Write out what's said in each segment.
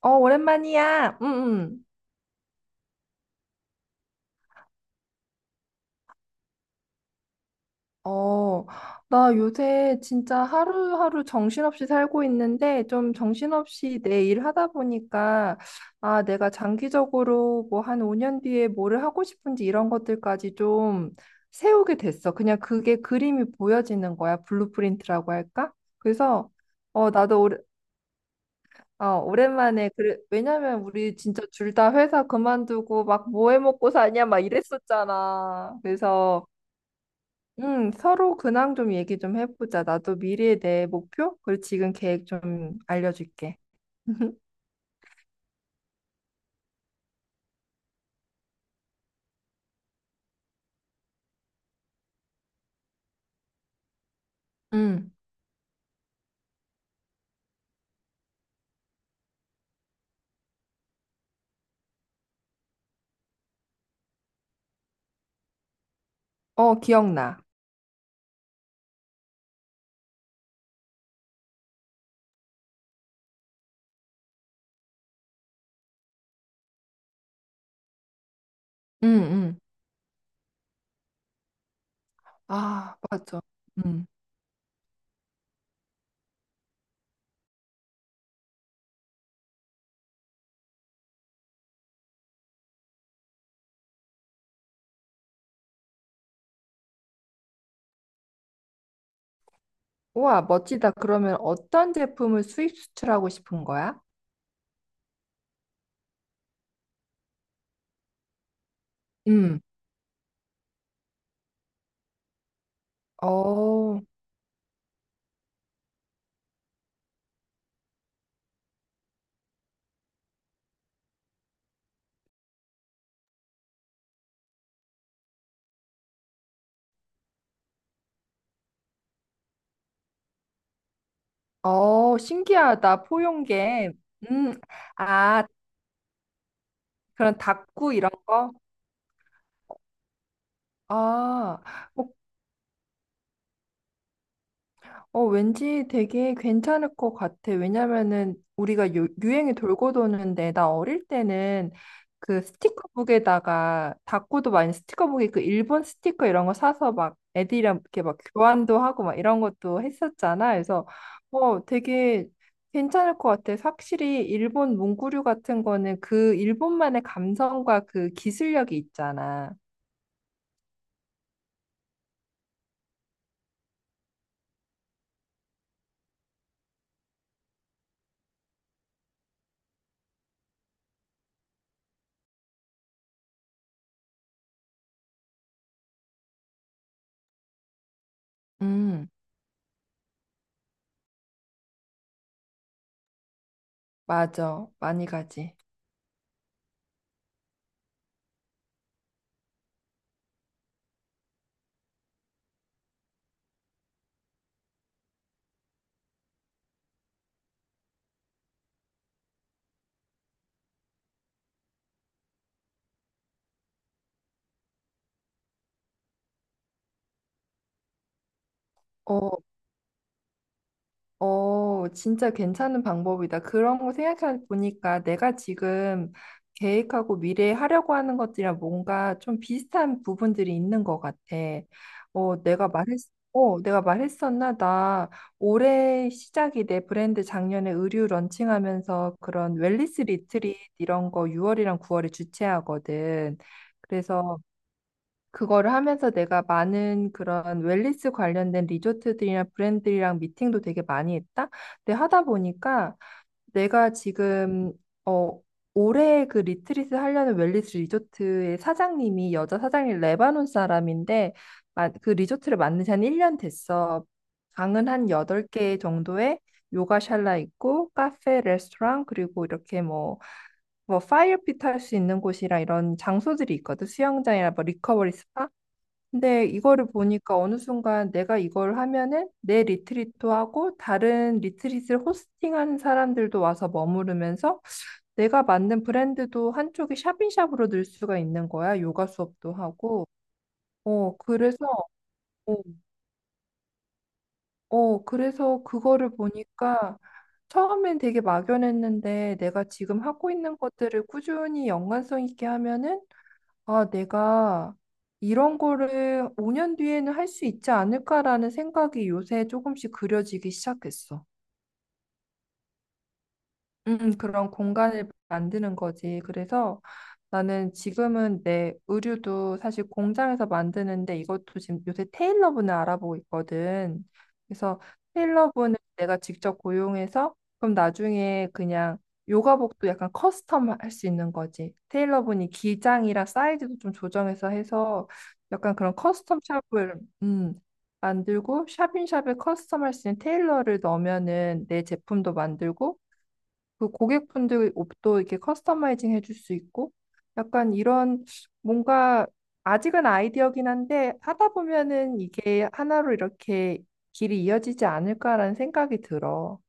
어, 오랜만이야. 응, 응. 어, 나 요새 진짜 하루하루 정신없이 살고 있는데, 좀 정신없이 내일 하다 보니까, 아, 내가 장기적으로 뭐 한 5년 뒤에 뭐를 하고 싶은지 이런 것들까지 좀 세우게 됐어. 그냥 그게 그림이 보여지는 거야. 블루프린트라고 할까? 그래서, 어, 나도 오래, 오랜만에, 그래, 왜냐면 우리 진짜 둘 다 회사 그만두고 막 뭐해 먹고 사냐 막 이랬었잖아. 그래서, 응, 서로 근황 좀 얘기 좀 해보자. 나도 미래에 대해 목표? 그리고 지금 계획 좀 알려줄게. 응, 어, 기억나. 응, 응, 아, 맞아. 응. 우와, 멋지다. 그러면 어떤 제품을 수입 수출하고 싶은 거야? 응. 어, 신기하다. 포용계. 음, 아, 그런 닭구 이런 거? 아, 뭐 왠지 되게 괜찮을 것 같아. 왜냐면은 우리가 유행이 돌고 도는데 나 어릴 때는 그 스티커북에다가 다코도 많이 스티커북에 그 일본 스티커 이런 거 사서 막 애들이랑 이렇게 막 교환도 하고 막 이런 것도 했었잖아. 그래서 어, 되게 괜찮을 것 같아. 확실히 일본 문구류 같은 거는 그 일본만의 감성과 그 기술력이 있잖아. 음, 맞아. 많이 가지. 어, 진짜 괜찮은 방법이다. 그런 거 생각해 보니까 내가 지금 계획하고 미래에 하려고 하는 것들이랑 뭔가 좀 비슷한 부분들이 있는 것 같아. 어, 내가 말했었나? 나 올해 시작이 내 브랜드 작년에 의류 런칭하면서 그런 웰니스 리트릿 이런 거 6월이랑 9월에 주최하거든. 그래서 그거를 하면서 내가 많은 그런 웰니스 관련된 리조트들이나 브랜드랑 미팅도 되게 많이 했다. 근데 하다 보니까 내가 지금 어 올해 그 리트릿을 하려는 웰니스 리조트의 사장님이 여자 사장이 레바논 사람인데 그 리조트를 만든 지 한 1년 됐어. 방은 한 8개 정도에 요가 샬라 있고 카페, 레스토랑 그리고 이렇게 뭐 파이어핏 할 수 있는 곳이랑 이런 장소들이 있거든. 수영장이나 뭐 리커버리 스파. 근데 이거를 보니까 어느 순간 내가 이걸 하면은 내 리트리트도 하고 다른 리트릿을 호스팅하는 사람들도 와서 머무르면서 내가 만든 브랜드도 한쪽에 샵인샵으로 늘 수가 있는 거야. 요가 수업도 하고. 어, 그래서, 어, 그래서 그거를 보니까 처음엔 되게 막연했는데 내가 지금 하고 있는 것들을 꾸준히 연관성 있게 하면은 아, 내가 이런 거를 5년 뒤에는 할 수 있지 않을까라는 생각이 요새 조금씩 그려지기 시작했어. 그런 공간을 만드는 거지. 그래서 나는 지금은 내 의류도 사실 공장에서 만드는데 이것도 지금 요새 테일러분을 알아보고 있거든. 그래서 테일러분을 내가 직접 고용해서 그럼 나중에 그냥 요가복도 약간 커스텀 할 수 있는 거지. 테일러분이 기장이랑 사이즈도 좀 조정해서 해서 약간 그런 커스텀 샵을 음, 만들고 샵인샵에 커스텀 할 수 있는 테일러를 넣으면은 내 제품도 만들고 그 고객분들 옷도 이렇게 커스터마이징 해줄 수 있고 약간 이런 뭔가 아직은 아이디어긴 한데 하다 보면은 이게 하나로 이렇게 길이 이어지지 않을까라는 생각이 들어.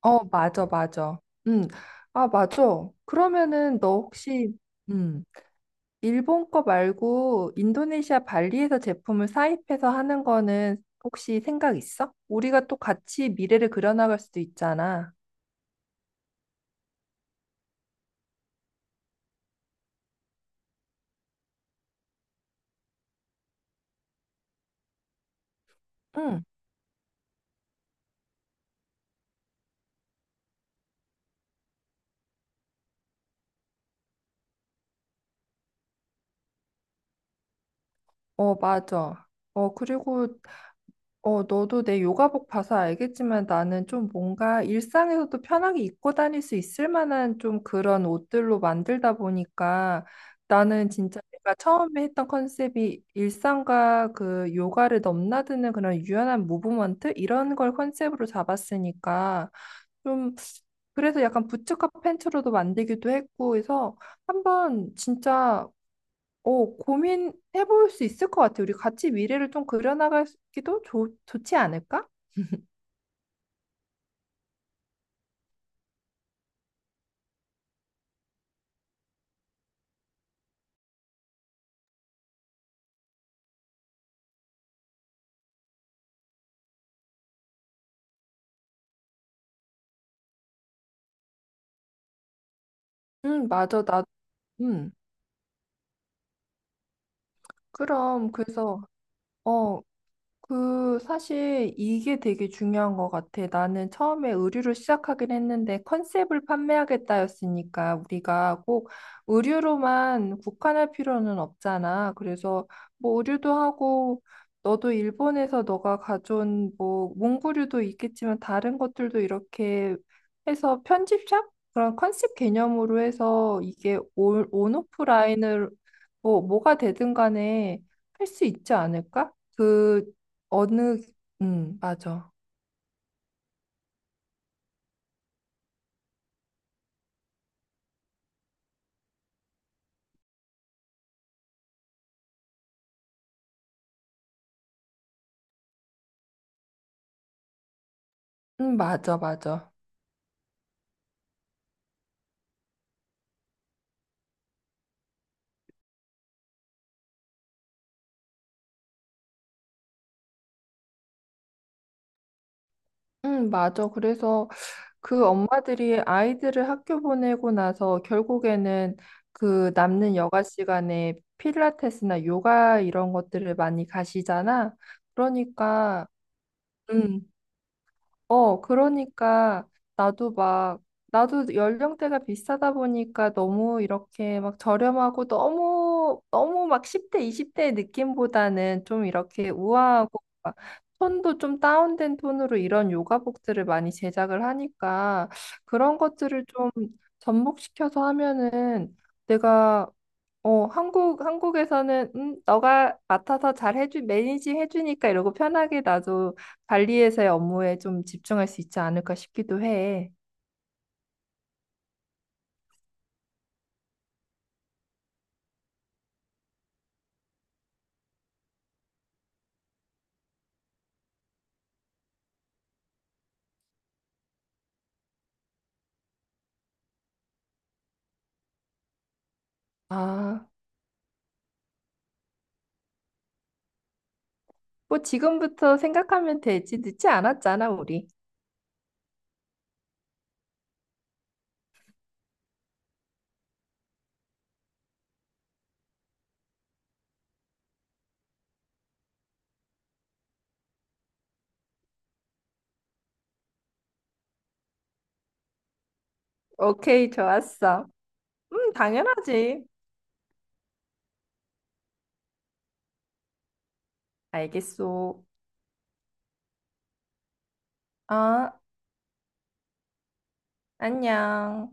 어, 맞아, 맞아. 음, 아, 맞아. 그러면은 너 혹시 음, 일본 거 말고 인도네시아 발리에서 제품을 사입해서 하는 거는 혹시 생각 있어? 우리가 또 같이 미래를 그려나갈 수도 있잖아. 어, 맞아. 어, 그리고, 너도 내 요가복 봐서 알겠지만 나는 좀 뭔가 일상에서도 편하게 입고 다닐 수 있을 만한 좀 그런 옷들로 만들다 보니까 나는 진짜 내가 처음에 했던 컨셉이 일상과 그 요가를 넘나드는 그런 유연한 무브먼트? 이런 걸 컨셉으로 잡았으니까 좀 그래서 약간 부츠컷 팬츠로도 만들기도 했고 해서 한번 진짜 고민해볼 수 있을 것 같아. 우리 같이 미래를 좀 그려나가기도 좋지 않을까? 응, 맞아. 음 그럼, 그래서, 어, 사실 이게 되게 중요한 것 같아. 나는 처음에 의류를 시작하긴 했는데 컨셉을 판매하겠다였으니까 우리가 꼭 의류로만 국한할 필요는 없잖아. 그래서 뭐 의류도 하고 너도 일본에서 너가 가져온 뭐 문구류도 있겠지만 다른 것들도 이렇게 해서 편집샵? 그런 컨셉 개념으로 해서 이게 온오프라인을 뭐, 뭐가 되든 간에 할 수 있지 않을까? 어느, 맞아. 맞아, 맞아. 맞아. 그래서 그 엄마들이 아이들을 학교 보내고 나서 결국에는 그 남는 여가 시간에 필라테스나 요가 이런 것들을 많이 가시잖아. 그러니까, 음, 그러니까 나도 막 나도 연령대가 비슷하다 보니까 너무 이렇게 막 저렴하고 너무 너무 막 10대, 20대의 느낌보다는 좀 이렇게 우아하고 막 톤도 좀 다운된 톤으로 이런 요가복들을 많이 제작을 하니까 그런 것들을 좀 접목시켜서 하면은 내가 한국에서는, 너가 맡아서 매니징 해주니까 이러고 편하게 나도 관리에서의 업무에 좀 집중할 수 있지 않을까 싶기도 해. 아, 뭐 지금부터 생각하면 되지. 늦지 않았잖아, 우리. 오케이, 좋았어. 당연하지. 알겠어. 아, 안녕.